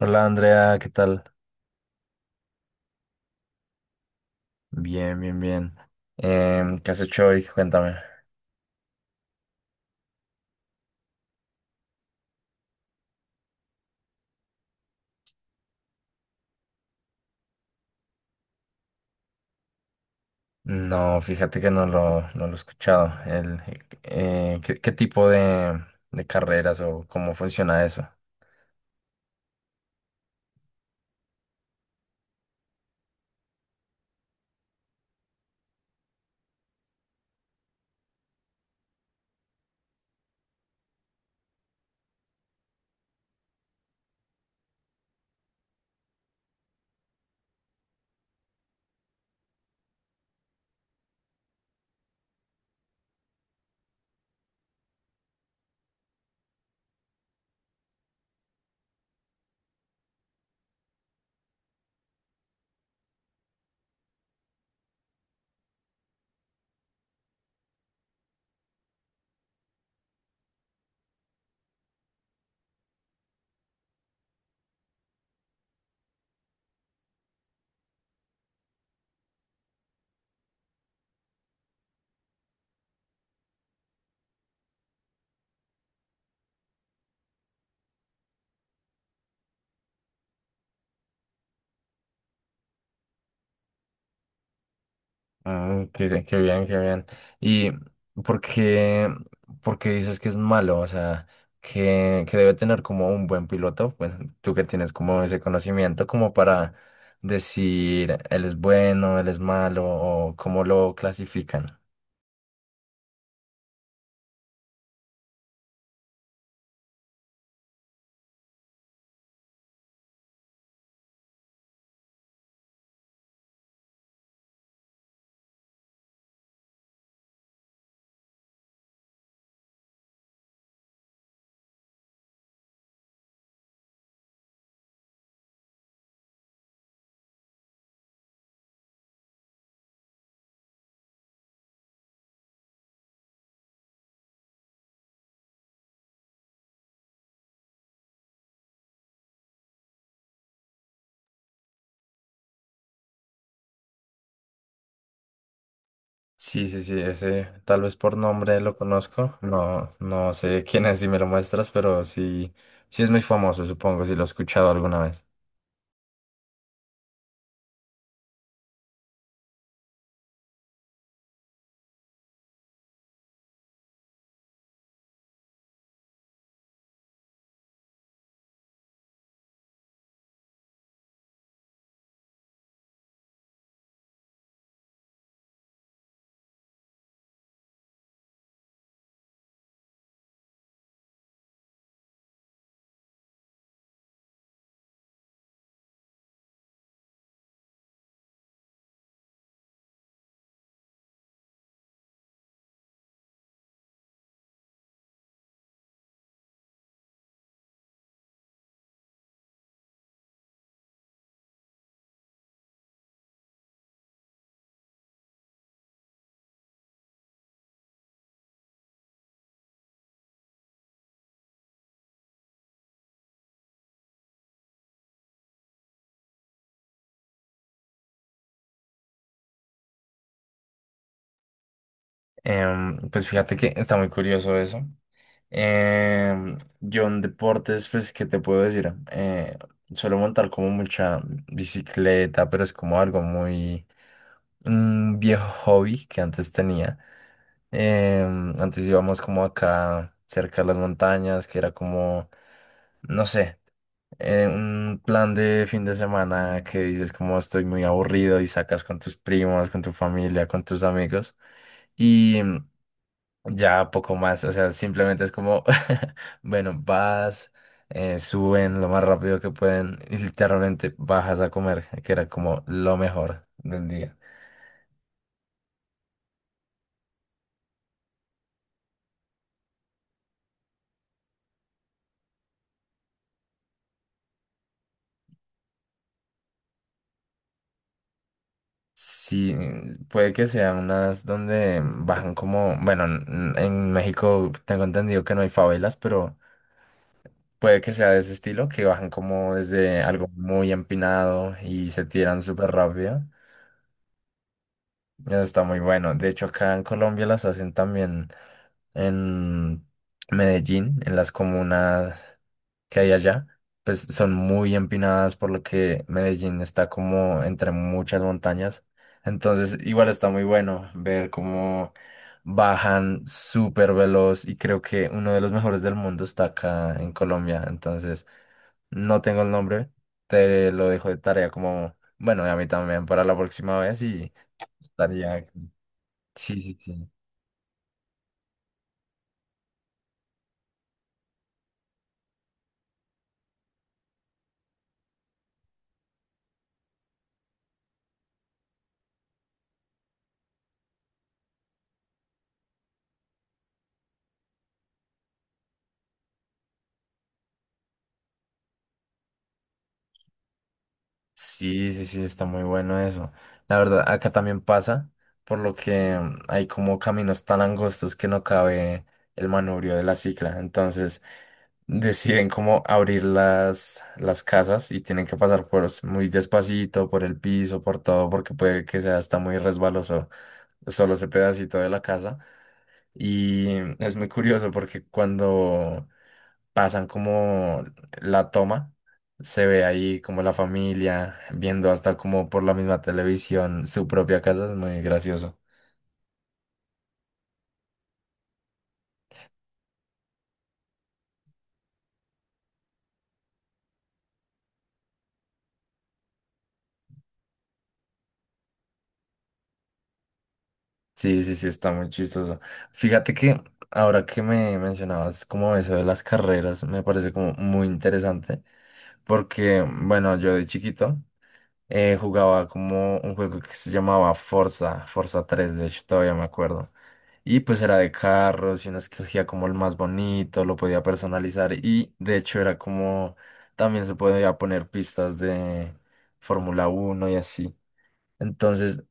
Hola Andrea, ¿qué tal? Bien, bien, bien. ¿Qué has hecho hoy? Cuéntame. No, fíjate que no lo he escuchado. ¿Qué tipo de carreras o cómo funciona eso? Mm, qué bien, qué bien. ¿Y por qué, por qué dices que es malo? O sea, que debe tener como un buen piloto. Bueno, tú que tienes como ese conocimiento como para decir él es bueno, él es malo o cómo lo clasifican. Sí, sí, sí, ese tal vez por nombre lo conozco. No, no sé quién es si me lo muestras, pero sí, sí es muy famoso, supongo, si lo he escuchado alguna vez. Pues fíjate que está muy curioso eso. Yo en deportes, pues, ¿qué te puedo decir? Suelo montar como mucha bicicleta, pero es como algo muy un viejo hobby que antes tenía. Antes íbamos como acá cerca de las montañas, que era como, no sé. Un plan de fin de semana que dices como estoy muy aburrido y sacas con tus primos, con tu familia, con tus amigos y ya poco más, o sea, simplemente es como, bueno, vas, suben lo más rápido que pueden y literalmente bajas a comer, que era como lo mejor del día. Sí, mm, puede que sean unas donde bajan como, bueno, en México tengo entendido que no hay favelas, pero... Puede que sea de ese estilo, que bajan como desde algo muy empinado y se tiran súper rápido. Eso está muy bueno. De hecho, acá en Colombia las hacen también en Medellín, en las comunas que hay allá. Pues son muy empinadas, por lo que Medellín está como entre muchas montañas. Entonces, igual está muy bueno ver cómo bajan súper veloz y creo que uno de los mejores del mundo está acá en Colombia. Entonces... No tengo el nombre, te lo dejo de tarea como, bueno, y a mí también para la próxima vez y estaría... Sí, sí, sí. Sí, sí, sí, está muy bueno eso. La verdad, acá también pasa, por lo que hay como caminos tan angostos que no cabe el manubrio de la cicla. Entonces deciden como abrir las casas y tienen que pasar por muy despacito, por el piso, por todo, porque puede que sea hasta muy resbaloso solo ese pedacito de la casa. Y es muy curioso porque cuando pasan como la toma, se ve ahí como la familia viendo hasta como por la misma televisión su propia casa, es muy gracioso. Sí, sí, sí, está muy chistoso. Fíjate que ahora que me mencionabas como eso de las carreras, me parece como muy interesante porque, bueno, yo de chiquito jugaba como un juego que se llamaba Forza, Forza 3 de hecho todavía me acuerdo. Y pues era de carros y uno escogía como el más bonito, lo podía personalizar y de hecho era como también se podía poner pistas de Fórmula 1 y así. Entonces,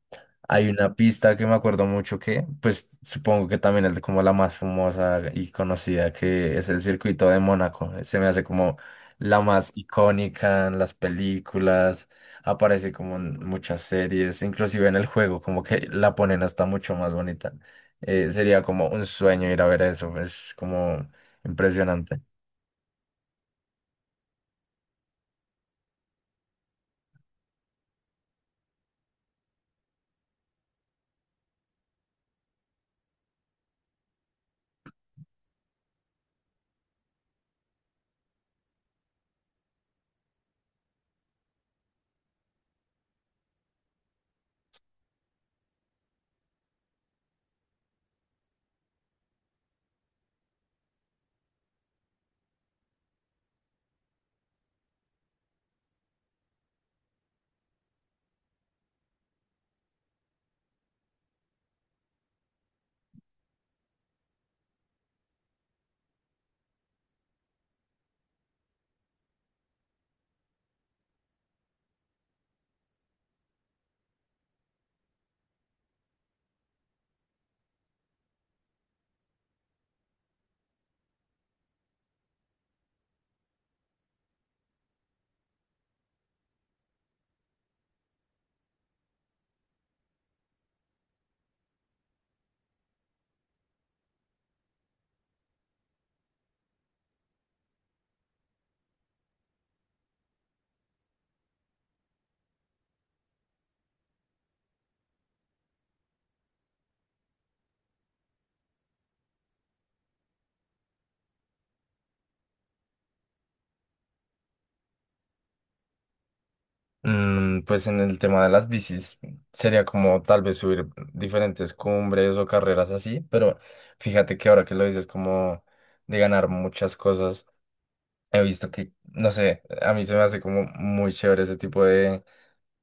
hay una pista que me acuerdo mucho que, pues supongo que también es como la más famosa y conocida, que es el circuito de Mónaco. Se me hace como la más icónica en las películas, aparece como en muchas series, inclusive en el juego, como que la ponen hasta mucho más bonita. Sería como un sueño ir a ver eso, es como impresionante. Mm, pues en el tema de las bicis sería como tal vez subir diferentes cumbres o carreras así, pero fíjate que ahora que lo dices como de ganar muchas cosas, he visto que, no sé, a mí se me hace como muy chévere ese tipo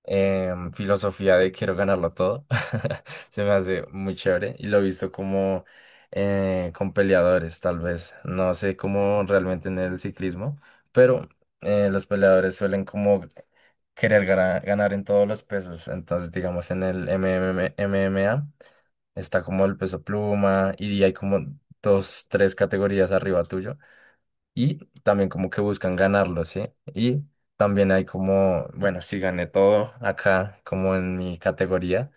filosofía de quiero ganarlo todo. Se me hace muy chévere y lo he visto como con peleadores, tal vez. No sé cómo realmente en el ciclismo, pero los peleadores suelen como querer ganar en todos los pesos. Entonces, digamos, en el MMA está como el peso pluma y hay como dos, tres categorías arriba tuyo y también como que buscan ganarlo, ¿sí? Y también hay como, bueno, si gané todo acá, como en mi categoría,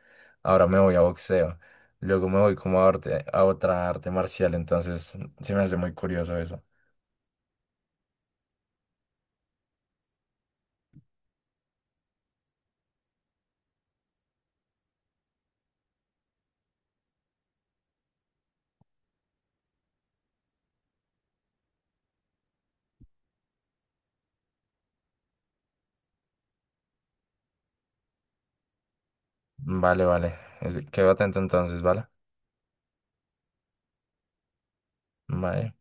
ahora me voy a boxeo, luego me voy como a, a otra arte marcial, entonces se me hace muy curioso eso. Vale, vale, quedo atento entonces, ¿vale? Bye.